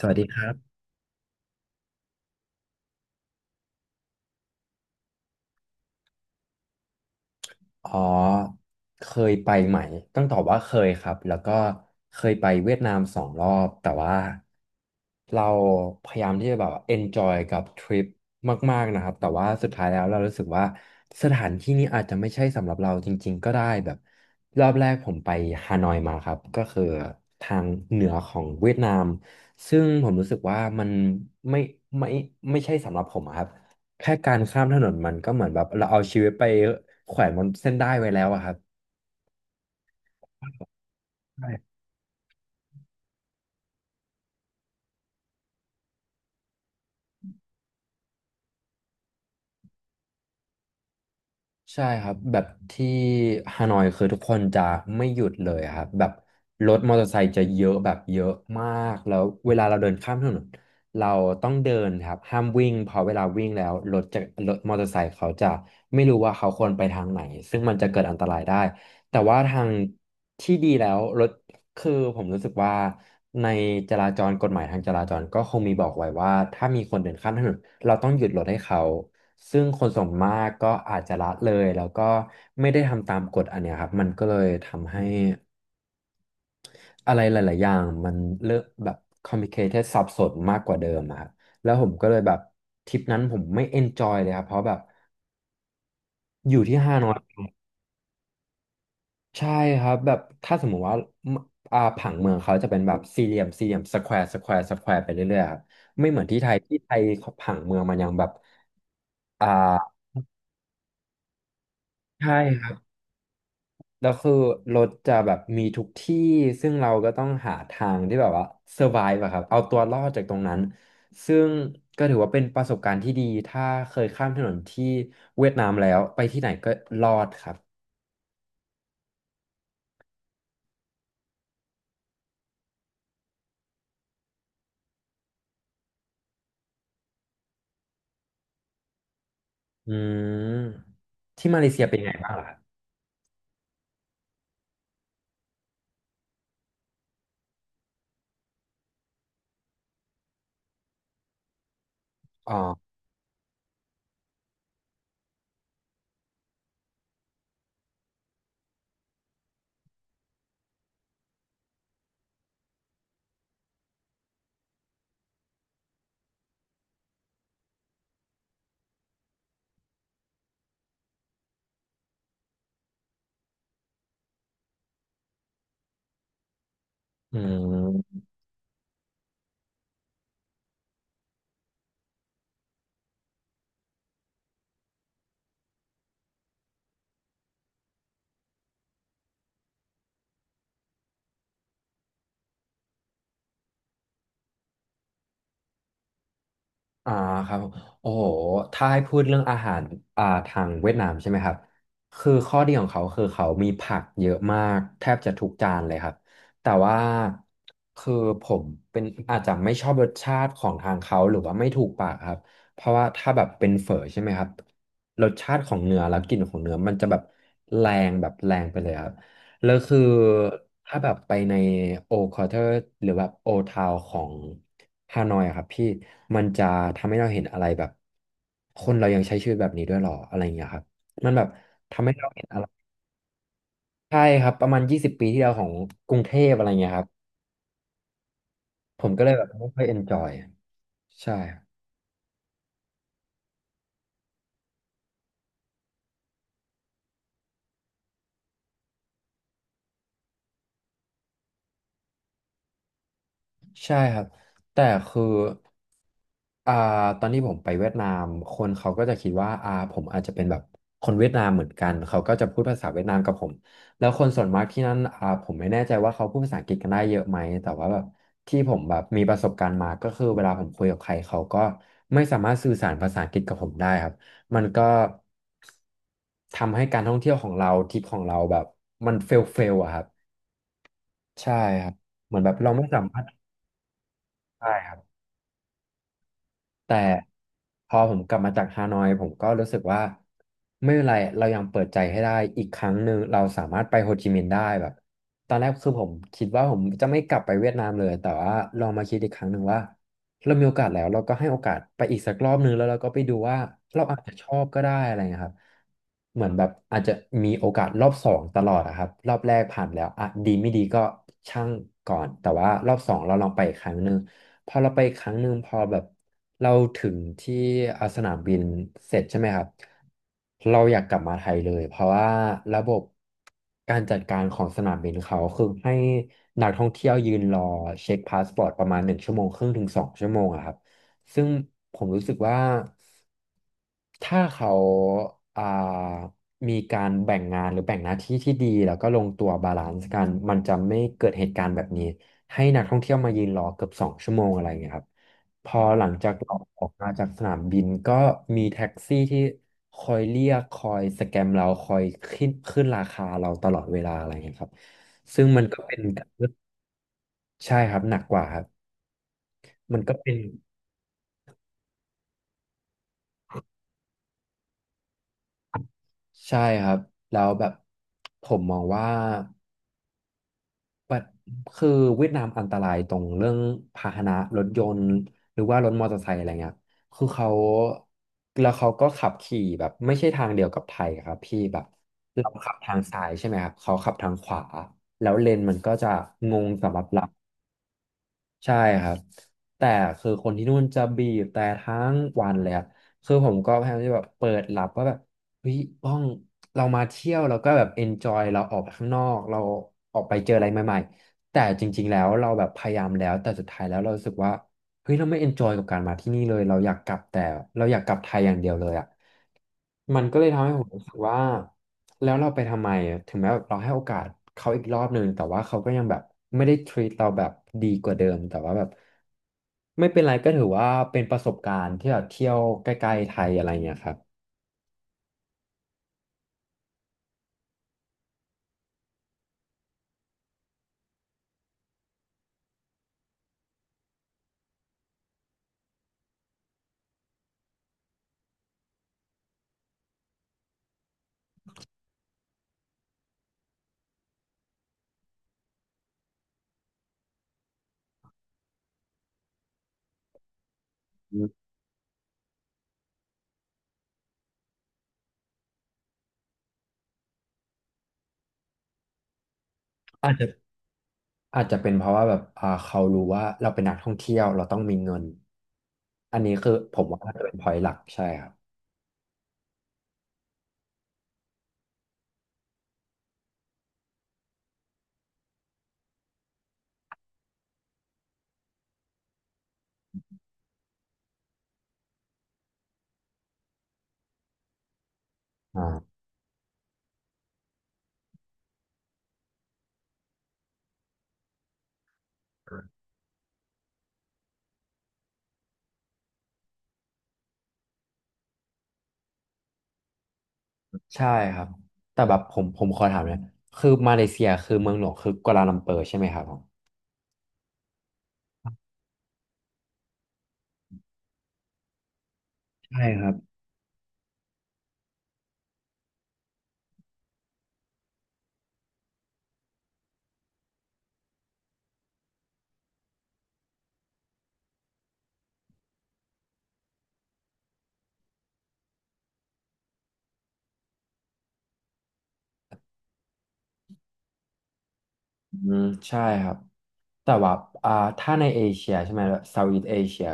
สวัสดีครับอ๋อเคยไปไหมต้องตอบว่าเคยครับ แล้วก็เคยไปเวียดนาม2 รอบ แต่ว่าเราพยายามที่จะแบบ enjoy กับทริปมากๆนะครับแต่ว่าสุดท้ายแล้วเรารู้สึกว่าสถานที่นี้อาจจะไม่ใช่สำหรับเราจริงๆก็ได้แบบรอบแรกผมไปฮานอยมาครับก็คือทางเหนือของเวียดนามซึ่งผมรู้สึกว่ามันไม่ไม่ไม่ใช่สำหรับผมอะครับ แค่การข้ามถนนมันก็เหมือนแบบเราเอาชีวิตไปแขวนบนเส้นได้ไว้แล้วอะครับใช่ใช่ครับแบบที่ฮานอยคือทุกคนจะไม่หยุดเลยอะครับแบบรถมอเตอร์ไซค์จะเยอะแบบเยอะมากแล้วเวลาเราเดินข้ามถนนเราต้องเดินครับห้ามวิ่งเพราะเวลาวิ่งแล้วรถมอเตอร์ไซค์เขาจะไม่รู้ว่าเขาควรไปทางไหนซึ่งมันจะเกิดอันตรายได้แต่ว่าทางที่ดีแล้วรถ คือผมรู้สึกว่าในจราจรกฎหมายทางจราจรก็คงมีบอกไว้ว่าถ้ามีคนเดินข้ามถนนเราต้องหยุดรถให้เขาซึ่งคนส่วนมากก็อาจจะละเลยแล้วก็ไม่ได้ทำตามกฎอันเนี้ยครับมันก็เลยทำให้อะไรหลายๆอย่างมันเลอะแบบ complicated สับสนมากกว่าเดิมอะครับแล้วผมก็เลยแบบทริปนั้นผมไม่ enjoy เลยครับเพราะแบบอยู่ที่ฮานอย ใช่ครับแบบถ้าสมมุติว่ามอ่าผังเมืองเขาจะเป็นแบบสี่เหลี่ยมสี่เหลี่ยมสแควร์สแควร์สแควร์ไปเรื่อยๆครับไม่เหมือนที่ไทยที่ไทยเขาผังเมืองมันยังแบบอ่าใช่ครับแล้วคือรถจะแบบมีทุกที่ซึ่งเราก็ต้องหาทางที่แบบว่า survive อะครับเอาตัวรอดจากตรงนั้นซึ่งก็ถือว่าเป็นประสบการณ์ที่ดีถ้าเคยข้ามถนนที่เวียดนามแล้วไปที่ไหนก็รอดครับอืมที่มาเลเซียเป็นไงบ้างล่ะครับอ๋ออืม อ่าครับผมโอ้โหถ้าให้พูดเรื่องอาหารทางเวียดนามใช่ไหมครับคือข้อดีของเขาคือเขามีผักเยอะมากแทบจะทุกจานเลยครับ แต่ว่าคือผมเป็นอาจจะไม่ชอบรสชาติของทางเขาหรือว่าไม่ถูกปากครับ เพราะว่าถ้าแบบเป็นเฝอใช่ไหมครับรสชาติของเนื้อแล้วกลิ่นของเนื้อมันจะแบบแรงแบบแรงไปเลยครับ แล้วคือถ้าแบบไปในโอคอเทอร์หรือแบบโอทาวของฮานอยอะครับพี่มันจะทำให้เราเห็นอะไรแบบคนเรายังใช้ชีวิตแบบนี้ด้วยหรออะไรอย่างเงี้ยครับมันแบบทำให้เราเห็นอะไรใช่ครับประมาณ20 ปีที่แล้วของกรุงเทพอะไรเงี้ยครับผมก็เลยแบบไม่ค่อยเอนจอยใช่ ใช่ครับแต่คืออ่าตอนที่ผมไปเวียดนามคนเขาก็จะคิดว่าผมอาจจะเป็นแบบคนเวียดนามเหมือนกันเขาก็จะพูดภาษาเวียดนามกับผมแล้วคนส่วนมากที่นั่นผมไม่แน่ใจว่าเขาพูดภาษาอังกฤษกันได้เยอะไหมแต่ว่าแบบที่ผมแบบมีประสบการณ์มาก็คือเวลาผมคุยกับใครเขาก็ไม่สามารถสื่อสารภาษาอังกฤษกับผมได้ครับมันก็ทำให้การท่องเที่ยวของเราทริปของเราแบบมันเฟลเฟลอะครับใช่ครับเหมือนแบบเราไม่สามารถใช่ครับ แต่พอผมกลับมาจากฮานอยผมก็รู้สึกว่าไม่เป็นไรเรายังเปิดใจให้ได้อีกครั้งหนึ่งเราสามารถไปโฮจิมินห์ได้แบบตอนแรกคือผมคิดว่าผมจะไม่กลับไปเวียดนามเลยแต่ว่าลองมาคิดอีกครั้งหนึ่งว่าเรามีโอกาสแล้วเราก็ให้โอกาสไปอีกสักรอบหนึ่งแล้วเราก็ไปดูว่าเราอาจจะชอบก็ได้อะไรเงี้ยครับเหมือนแบบอาจจะมีโอกาสรอบสองตลอดอะครับรอบแรกผ่านแล้วอ่ะดีไม่ดีก็ช่างก่อนแต่ว่ารอบสองเราลองไปอีกครั้งหนึ่ง พอเราไปครั้งหนึ่งพอแบบเราถึงที่สนามบินเสร็จใช่ไหมครับเราอยากกลับมาไทยเลยเพราะว่าระบบการจัดการของสนามบินเขาคือให้นักท่องเที่ยวยืนรอเช็คพาสปอร์ตประมาณ1 ชั่วโมงครึ่งถึง2 ชั่วโมงอะครับซึ่งผมรู้สึกว่า ถ้าเขาอ่ามีการแบ่งงานหรือแบ่งหน้าที่ที่ดีแล้วก็ลงตัวบาลานซ์กันมันจะไม่เกิดเหตุการณ์แบบนี้ให้นักท่องเที่ยวมายืนรอเกือบสองชั่วโมงอะไรอย่างเงี้ยครับพอหลังจากออกมาจากสนามบินก็มีแท็กซี่ที่คอยเรียกคอยสแกมเราคอยขึ้นราคาเราตลอดเวลาอะไรอย่างเงี้ยครับซึ่งมันก็เป็นใช่ครับหนักกว่าครับมันก็เป็นใช่ครับแล้วแบบผมมองว่า แบบคือเวียดนามอันตรายตรงเรื่องพาหนะรถยนต์หรือว่ารถมอเตอร์ไซค์อะไรเงี้ยคือเขาแล้วเขาก็ขับขี่แบบไม่ใช่ทางเดียวกับไทยครับพี่แบบเราขับทางซ้ายใช่ไหมครับเขาขับทางขวาแล้วเลนมันก็จะงงสำหรับเรา ใช่ครับแต่คือคนที่นู่นจะบีบแต่ทั้งวันเลยครับคือผมก็พยายามที่แบบเปิดหลับว่าแบบเฮ้ยบ้องเรามาเที่ยวเราก็แบบเอนจอยเราออกไปข้างนอกเราออกไปเจออะไรใหม่ๆแต่จริงๆแล้วเราแบบพยายามแล้วแต่สุดท้ายแล้วเรารู้สึกว่าเฮ้ยเราไม่เอนจอยกับการมาที่นี่เลยเราอยากกลับแต่เราอยากกลับไทยอย่างเดียวเลยอะ มันก็เลยทำให้ผมรู้สึกว่าแล้วเราไปทำไมอะถึงแม้แบบเราให้โอกาสเขาอีกรอบหนึ่งแต่ว่าเขาก็ยังแบบไม่ได้ treat เราแบบดีกว่าเดิมแต่ว่าแบบไม่เป็นไรก็ถือว่าเป็นประสบการณ์ที่แบบเที่ยวใกล้ๆไทยอะไรเงี้ยครับอืมอาจจะอาจจะเป็นเพราะว่าแบบเขารู้ว่าเราเป็นนักท่องเที่ยวเราต้องมีเงินอันนี้คือผมว่าน่าจะเป็น point หลักใช่ครับอ่าใช่ครับแต่แบบผมขอถามเนี่อยคือมาเลเซียคือเมืองหลวงคือกวาลาลัมเปอร์ใช่ไหมครับผมใช่ครับ อืมใช่ครับ แต่ว่าอ่าถ้าในเอเชียใช่ไหมเซาท์อีสเอเชีย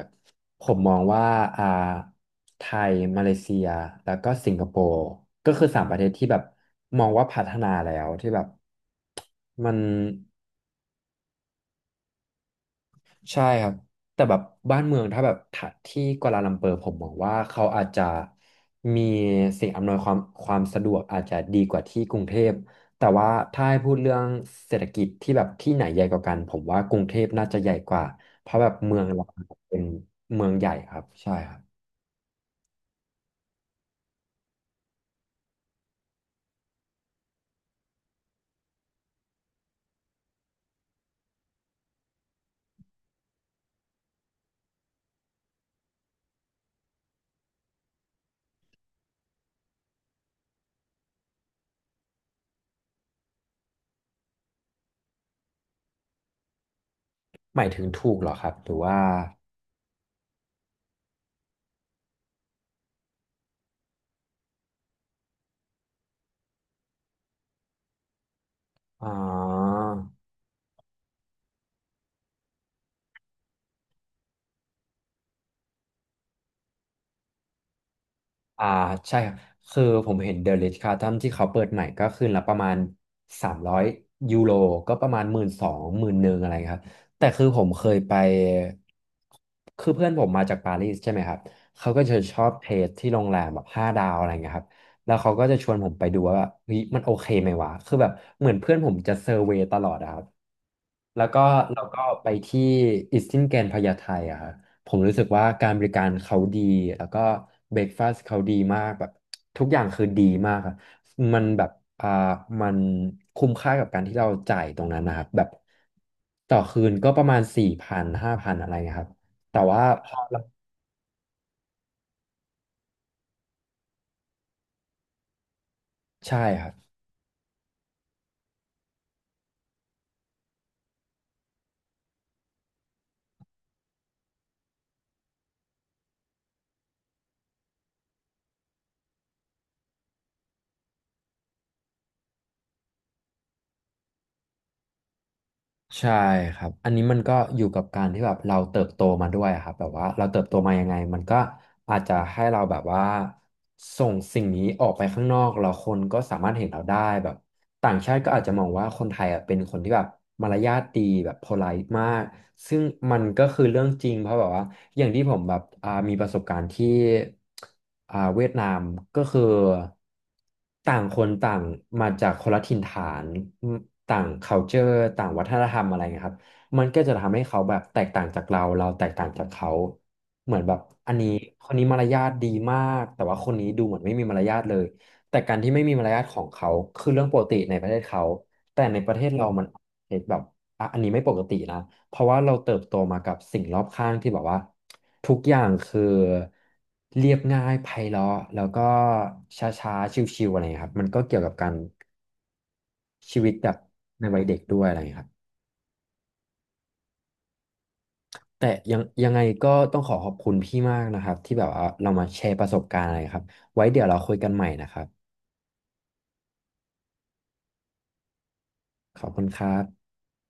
ผมมองว่าอ่าไทยมาเลเซียแล้วก็สิงคโปร์ก็คือสามประเทศที่แบบมองว่าพัฒนาแล้วที่แบบมัน ใช่ครับแต่แบบบ้านเมืองถ้าแบบถ้าที่กัวลาลัมเปอร์ผมมองว่าเขาอาจจะมีสิ่งอำนวยความความสะดวกอาจจะดีกว่าที่กรุงเทพแต่ว่าถ้าให้พูดเรื่องเศรษฐกิจที่แบบที่ไหนใหญ่กว่ากันผมว่ากรุงเทพน่าจะใหญ่กว่าเพราะแบบเมืองเราเป็นเมืองใหญ่ครับใช่ครับหมายถึงถูกเหรอครับหรือว่าอ๋อ อ่าใช่ครับคือผมเห็นเด e r i ิชค a r ์ตันที่เขาเปิดใหม่ก็คืนละประมาณ300ยยูโรก็ประมาณหมื่นสองหมื่นหนึ่งอะไรครับแต่คือผมเคยไปคือเพื่อนผมมาจากปารีสใช่ไหมครับเขาก็จะชอบเทสที่โรงแรมแบบห้าดาวอะไรเงี้ยครับแล้วเขาก็จะชวนผมไปดูว่าแบบเฮ้ยมันโอเคไหมวะคือแบบเหมือนเพื่อนผมจะเซอร์เวย์ตลอดอะครับแล้วก็เราก็ไปที่อิสตินแกนพญาไทอะครับ ผมรู้สึกว่าการบริการเขาดี แล้วก็เบรกฟาสต์เขาดีมากแบบทุกอย่างคือดีมากครับมันแบบอ่ามันคุ้มค่ากับการที่เราจ่ายตรงนั้นนะครับแบบต่อคืนก็ประมาณสี่พันห้าพันอะไรเงี้ยครับแต่ว่าพอเราใช่ครับ ใช่ครับอันนี้มันก็อยู่กับการที่แบบเราเติบโตมาด้วยอะครับแบบว่าเราเติบโตมายังไงมันก็อาจจะให้เราแบบว่าส่งสิ่งนี้ออกไปข้างนอกแล้วคนก็สามารถเห็นเราได้แบบต่างชาติก็อาจจะมองว่าคนไทยอ่ะเป็นคนที่แบบมารยาทดีแบบโพไลต์มากซึ่งมันก็คือเรื่องจริงเพราะแบบว่าอย่างที่ผมแบบมีประสบการณ์ที่เวียดนามก็คือ ต่างคนต่างมาจากคนละถิ่นฐานอืมต่าง culture ต่างวัฒนธรรมอะไรเงี้ยครับมันก็จะทำให้เขาแบบแตกต่างจากเราเราแตกต่างจากเขาเหมือนแบบอันนี้คนนี้มารยาทดีมากแต่ว่าคนนี้ดูเหมือนไม่มีมารยาทเลยแต่การที่ไม่มีมารยาทของเขาคือเรื่องปกติในประเทศเขาแต่ในประเทศเรามันเห็นแบบอ่ะอันนี้ไม่ปกตินะ เพราะว่าเราเติบโตมากับสิ่งรอบข้างที่แบบว่าทุกอย่างคือเรียบง่ายไพเราะแล้วก็ช้าๆชิวๆอะไรอย่างเงี้ยครับมันก็เกี่ยวกับการชีวิตแบบในวัยเด็กด้วยอะไรอย่างเงี้ยครับแต่ยังไงก็ต้องขอบคุณพี่มากนะครับที่แบบว่าเรามาแชร์ประสบการณ์อะไรครับไว้เดี๋ยวเราคุยกันใหม่นะครับขอบคุณครับ